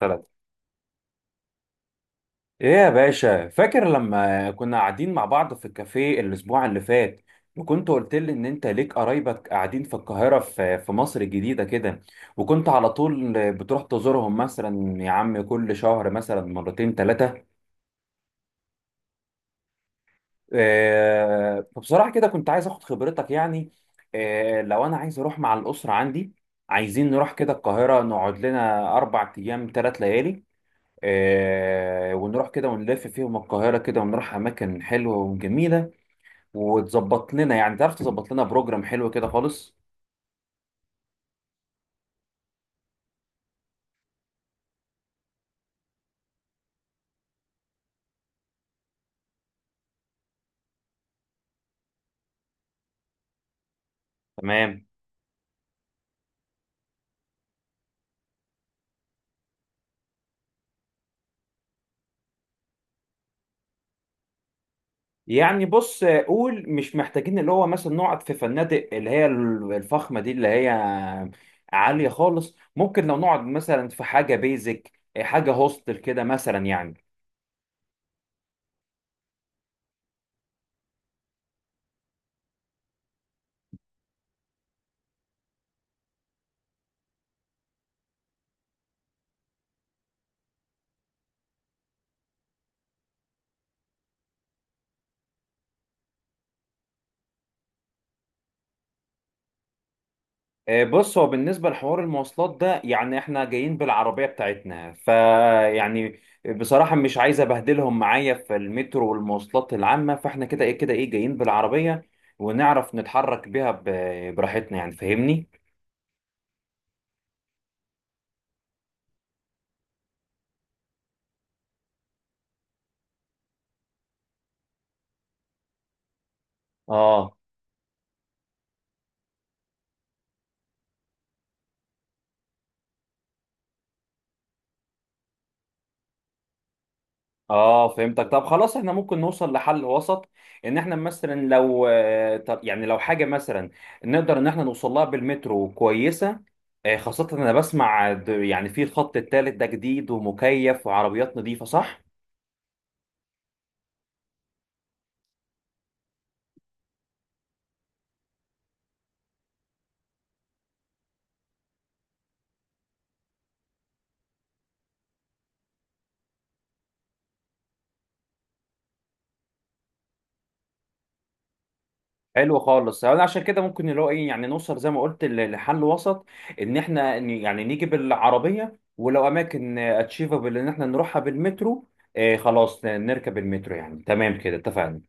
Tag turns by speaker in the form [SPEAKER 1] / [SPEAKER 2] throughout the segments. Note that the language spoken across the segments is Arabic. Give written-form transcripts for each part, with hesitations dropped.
[SPEAKER 1] ثلاثة. ايه يا باشا، فاكر لما كنا قاعدين مع بعض في الكافيه الاسبوع اللي فات؟ وكنت قلت لي ان انت ليك قرايبك قاعدين في القاهرة، في مصر الجديدة كده. وكنت على طول بتروح تزورهم، مثلا يا عم كل شهر مثلا مرتين ثلاثة. فبصراحة كده كنت عايز اخد خبرتك يعني. لو انا عايز اروح مع الاسرة عندي، عايزين نروح كده القاهرة، نقعد لنا 4 ايام 3 ليالي. ونروح كده ونلف فيهم القاهرة كده، ونروح أماكن حلوة وجميلة. وتظبط لنا، يعني تعرف تظبط لنا بروجرام حلو كده خالص. تمام. يعني بص، قول مش محتاجين اللي هو مثلا نقعد في فنادق اللي هي الفخمة دي اللي هي عالية خالص، ممكن لو نقعد مثلا في حاجة بيزك، حاجة هوستل كده مثلا يعني. بص، هو بالنسبة لحوار المواصلات ده، يعني احنا جايين بالعربية بتاعتنا، فيعني بصراحة مش عايز ابهدلهم معايا في المترو والمواصلات العامة، فاحنا كده ايه جايين بالعربية ونعرف نتحرك بيها براحتنا يعني، فاهمني؟ اه، اه، فهمتك. طب خلاص احنا ممكن نوصل لحل وسط، ان احنا مثلا لو طب يعني لو حاجه مثلا نقدر ان احنا نوصل لها بالمترو كويسه. خاصه انا بسمع يعني في الخط الثالث ده جديد ومكيف وعربيات نظيفه، صح؟ حلو خالص، انا عشان كده ممكن اللي هو ايه، يعني نوصل زي ما قلت لحل وسط، ان احنا يعني نيجي بالعربيه، ولو اماكن اتشيفابل ان احنا نروحها بالمترو. خلاص نركب المترو، يعني تمام كده اتفقنا.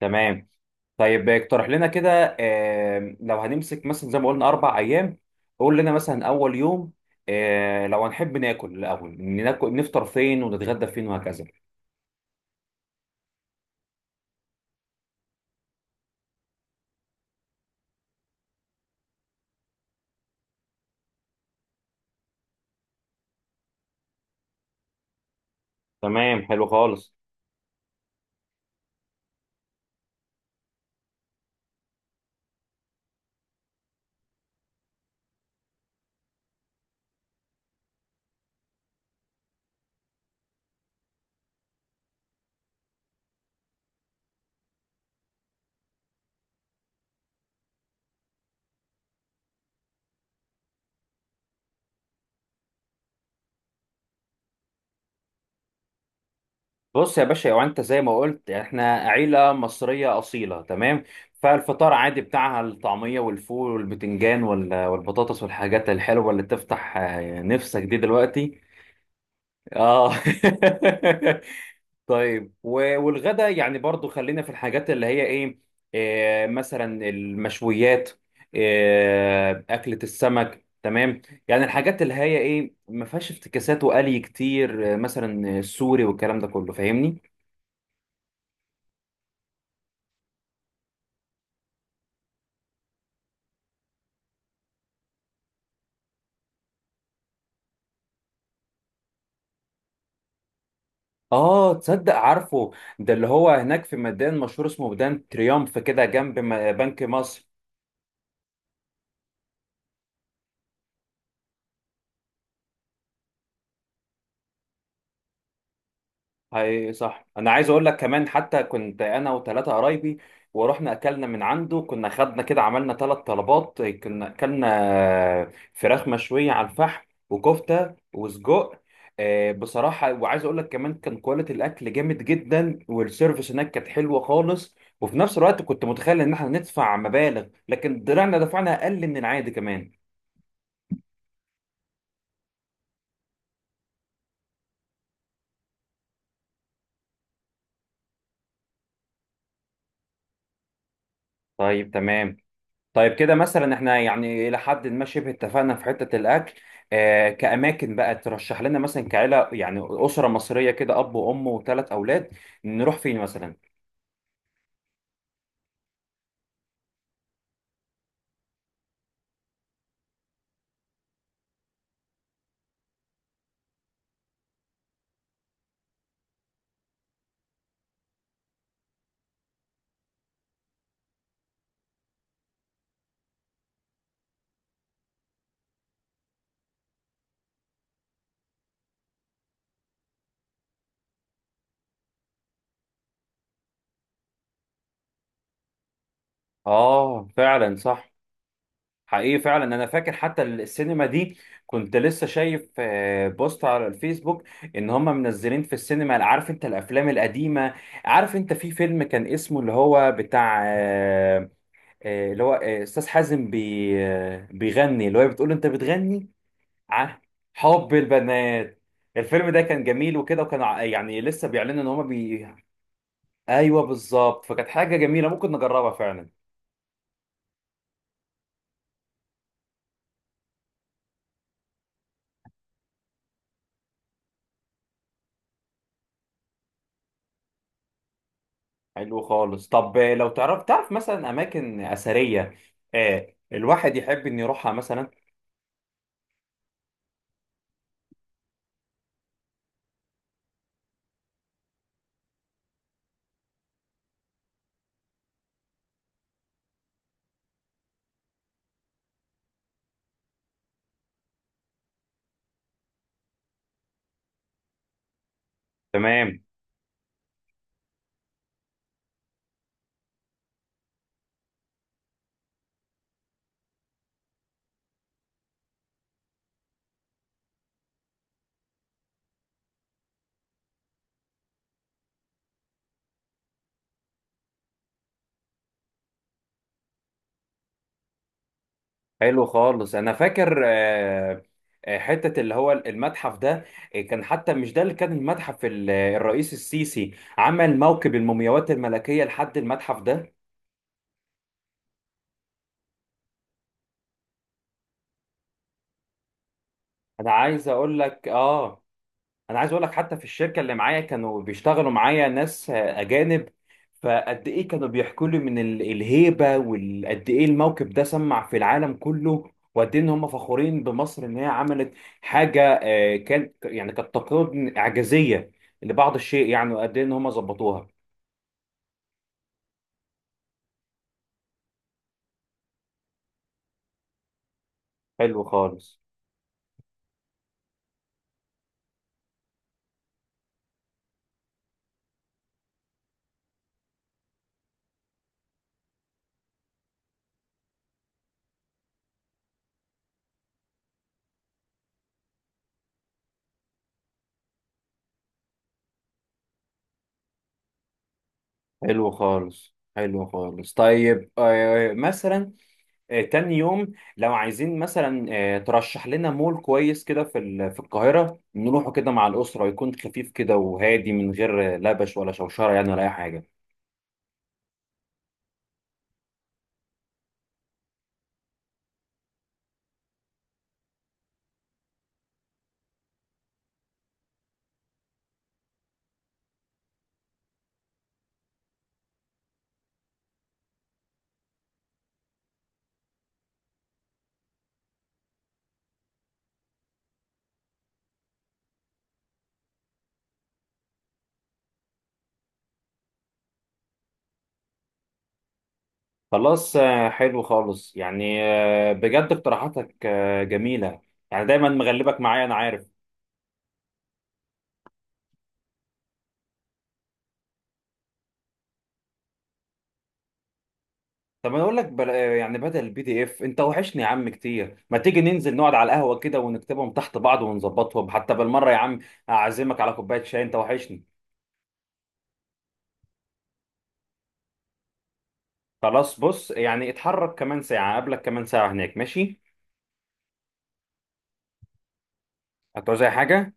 [SPEAKER 1] تمام. طيب اقترح لنا كده، لو هنمسك مثلا زي ما قلنا 4 ايام، قول لنا مثلا اول يوم، لو هنحب ناكل، الاول ناكل نفطر فين ونتغدى فين وهكذا. تمام، حلو خالص. بص يا باشا، لو انت زي ما قلت احنا عيله مصريه اصيله، تمام. فالفطار عادي بتاعها الطعميه والفول والبتنجان والبطاطس والحاجات الحلوه اللي تفتح نفسك دي دلوقتي. اه. طيب، والغدا يعني برضو خلينا في الحاجات اللي هي ايه، مثلا المشويات، اكلة السمك، تمام. يعني الحاجات اللي هي ايه ما فيهاش افتكاسات وقلي كتير، مثلا السوري والكلام ده كله، فاهمني؟ اه، تصدق عارفه، ده اللي هو هناك في ميدان مشهور اسمه ميدان تريومف، كده جنب بنك مصر. هي صح، انا عايز اقول لك كمان، حتى كنت انا وثلاثه قرايبي ورحنا اكلنا من عنده، كنا خدنا كده عملنا ثلاث طلبات، كنا اكلنا فراخ مشويه على الفحم وكفته وسجق. بصراحه، وعايز اقول لك كمان، كان كواليتي الاكل جامد جدا، والسيرفيس هناك كانت حلوه خالص، وفي نفس الوقت كنت متخيل ان احنا ندفع مبالغ، لكن طلعنا دفعنا اقل من العادي كمان. طيب، تمام. طيب كده مثلا احنا يعني الى حد ما شبه اتفقنا في حته الاكل. كاماكن بقى ترشح لنا مثلا كعيله، يعني اسره مصريه كده، اب وام وثلاث اولاد، نروح فين مثلا؟ اه، فعلا صح. حقيقي فعلا انا فاكر حتى السينما دي، كنت لسه شايف بوست على الفيسبوك ان هم منزلين في السينما، عارف انت الافلام القديمه. عارف انت في فيلم كان اسمه اللي هو بتاع اللي هو استاذ حازم بي آه، بيغني، اللي هو بتقول له انت بتغني. ع- حب البنات. الفيلم ده كان جميل وكده، وكان يعني لسه بيعلنوا ان هما. ايوه، بالظبط، فكانت حاجه جميله ممكن نجربها فعلا. حلو خالص. طب لو تعرف مثلا اماكن اثريه، الواحد يحب ان يروحها مثلا. تمام، حلو خالص. انا فاكر حته اللي هو المتحف ده، كان حتى مش ده، اللي كان المتحف الرئيس السيسي عمل موكب المومياوات الملكيه لحد المتحف ده. انا عايز اقول لك اه انا عايز اقول لك حتى في الشركه اللي معايا كانوا بيشتغلوا معايا ناس اجانب، فقد ايه كانوا بيحكوا لي من الهيبه، وقد ايه الموقف ده سمع في العالم كله، وقد ايه ان هم فخورين بمصر ان هي عملت حاجه، كان يعني كانت تقريبا اعجازيه لبعض الشيء، يعني وقد ايه ان هم ظبطوها. حلو خالص، حلو خالص، حلو خالص. طيب مثلا، تاني يوم لو عايزين مثلا، ترشح لنا مول كويس كده في القاهرة، نروحه كده مع الأسرة، يكون خفيف كده وهادي، من غير لبش ولا شوشرة يعني ولا أي حاجة. خلاص، حلو خالص يعني، بجد اقتراحاتك جميلة. يعني دايما مغلبك معايا، أنا عارف. طب أنا أقول لك بل... آه، يعني بدل الـPDF، أنت وحشني يا عم كتير، ما تيجي ننزل نقعد على القهوة كده ونكتبهم تحت بعض ونظبطهم حتى بالمرة يا عم؟ أعزمك على كوباية شاي، أنت وحشني. خلاص، بص يعني اتحرك كمان ساعة قبلك، كمان ساعة هناك، ماشي؟ هتعوز أي حاجة؟